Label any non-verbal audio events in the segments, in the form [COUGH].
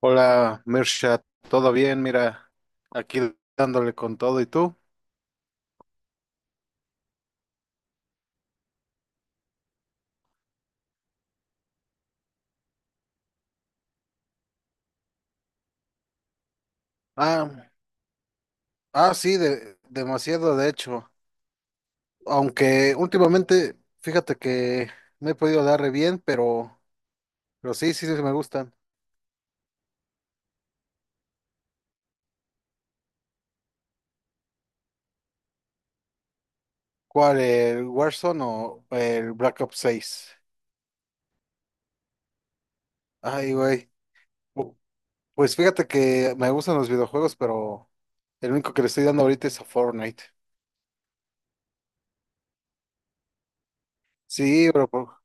Hola, Mirsha, ¿todo bien? Mira, aquí dándole con todo, ¿y tú? Ah, sí, demasiado, de hecho. Aunque últimamente, fíjate que me he podido dar re bien, pero sí, sí, sí me gustan. ¿Cuál, el Warzone o el Black Ops 6? Ay, güey. Pu- Pues fíjate que me gustan los videojuegos, pero el único que le estoy dando ahorita es a Fortnite. Sí, pero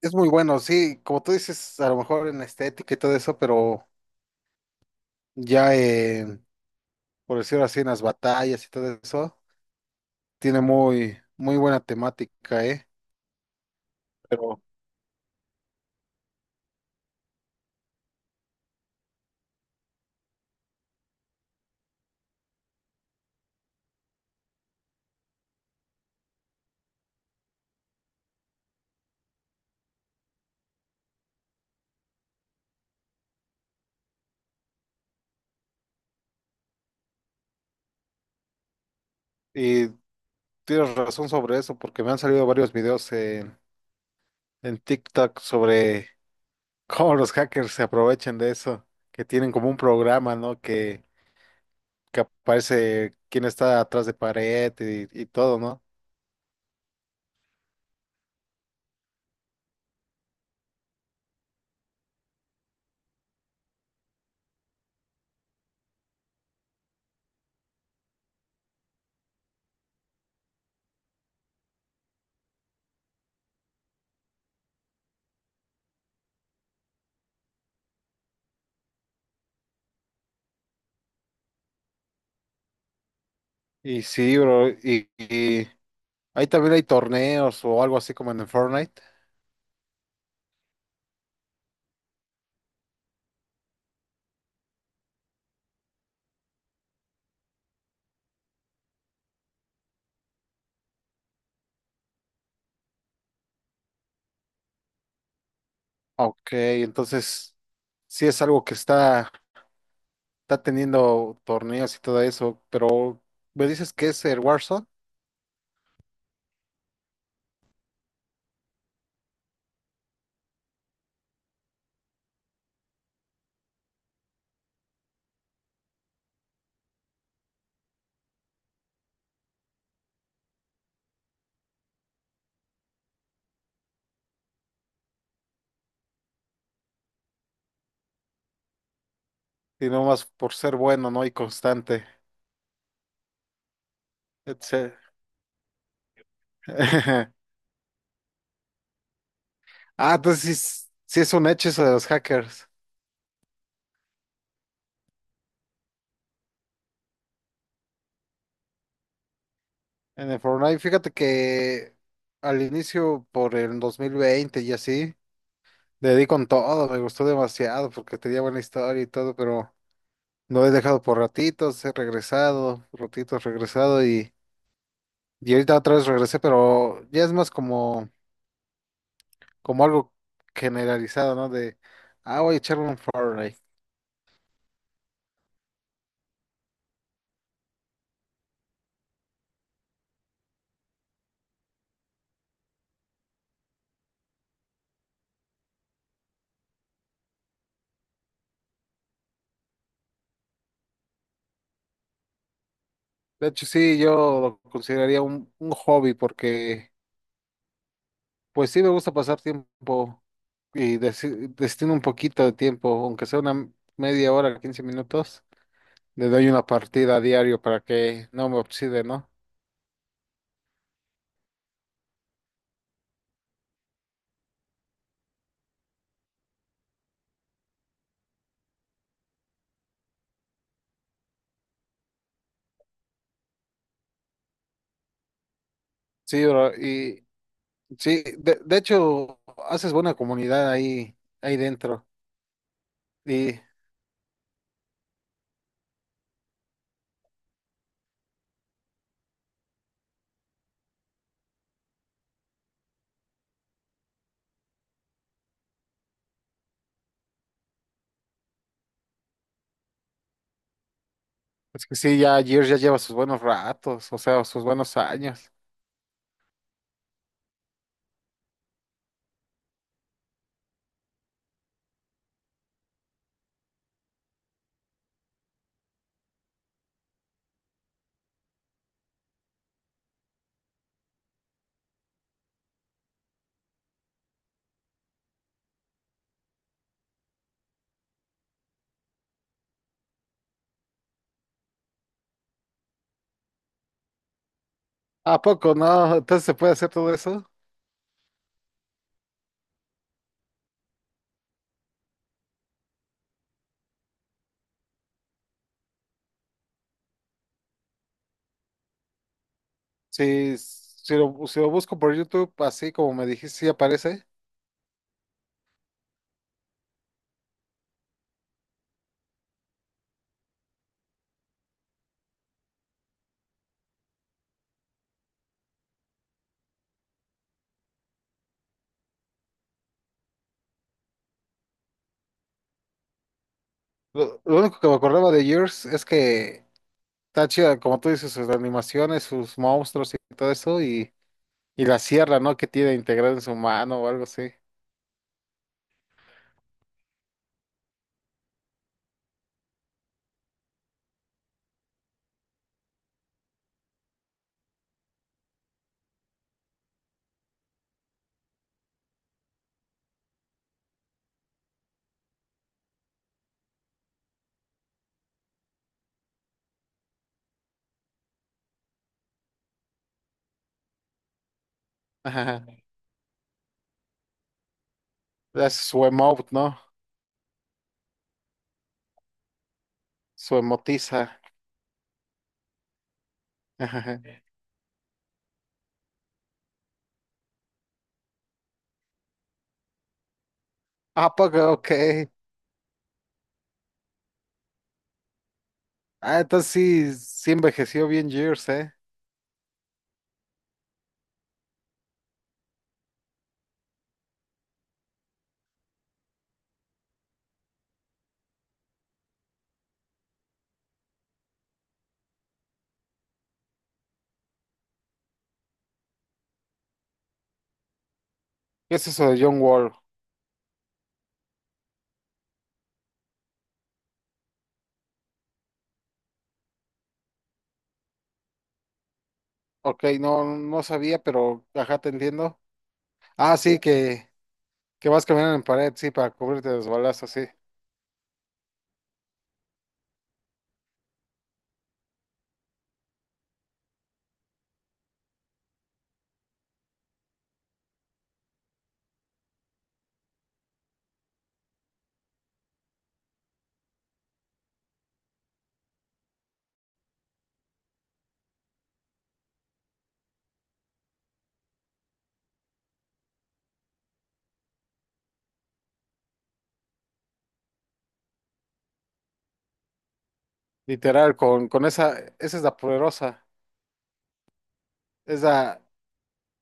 es muy bueno, sí, como tú dices, a lo mejor en la estética y todo eso, pero ya en, por decirlo así, en las batallas y todo eso, tiene muy, muy buena temática, ¿eh? Pero, y tienes razón sobre eso, porque me han salido varios videos en TikTok sobre [LAUGHS] cómo los hackers se aprovechan de eso, que tienen como un programa, ¿no? Que aparece quién está atrás de pared y todo, ¿no? Y sí, bro, y ahí también hay torneos o algo así como en el Fortnite. Ok, entonces sí es algo que está teniendo torneos y todo eso, pero me dices que es el Warzone y no más por ser bueno, ¿no? Y constante, etcétera. [LAUGHS] Ah, entonces sí es un hecho eso de los hackers en el Fortnite. Fíjate que al inicio, por el 2020 y así, le di con todo, me gustó demasiado porque tenía buena historia y todo, pero no he dejado por ratitos, he regresado, ratitos regresado y ahorita otra vez regresé, pero ya es más como algo generalizado, ¿no? De, ah, voy a echarme un Fortnite. De hecho, sí, yo lo consideraría un hobby porque, pues sí, me gusta pasar tiempo y destino un poquito de tiempo, aunque sea una media hora, 15 minutos, le doy una partida a diario para que no me oxide, ¿no? Sí, bro, y sí, de hecho, haces buena comunidad ahí dentro. Y es que sí, ya Gears ya lleva sus buenos ratos, o sea, sus buenos años. ¿A poco no? Entonces se puede hacer todo eso. Si lo busco por YouTube, así como me dijiste, sí aparece. Lo único que me acordaba de Yours es que está chida, como tú dices, sus animaciones, sus monstruos y todo eso, y la sierra, ¿no? Que tiene integrada en su mano o algo así. Ajá. Es su emote, ¿no? Su emotiza. Ajá. ¿A poco? Ok. Ah, entonces sí, sí envejeció bien Years, ¿eh? ¿Qué es eso de John Wall? Ok, no, no sabía, pero ajá, te entiendo. Ah, sí, que vas caminando en pared, sí, para cubrirte de los balazos, sí. Literal, con esa es la poderosa. Es la,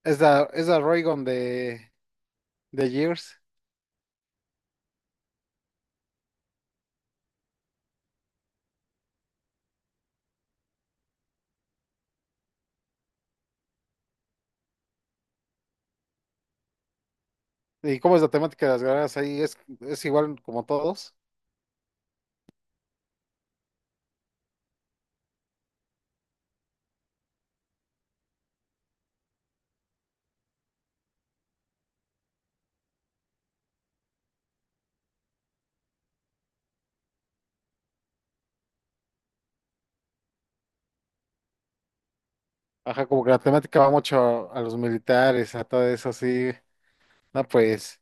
es la Raygun de Gears. ¿Y cómo es la temática de las guerras ahí? ¿Es igual como todos? Ajá, como que la temática va mucho a los militares, a todo eso, sí. No, pues,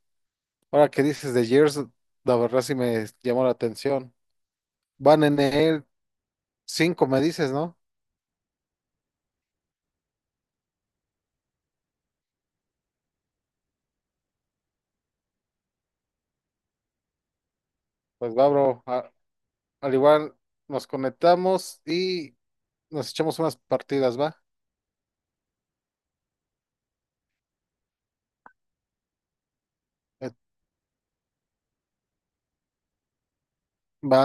ahora que dices de Gears, la verdad sí me llamó la atención. Van en el 5 me dices, ¿no? Pues va, bro, al igual nos conectamos y nos echamos unas partidas, ¿va? Eh, va,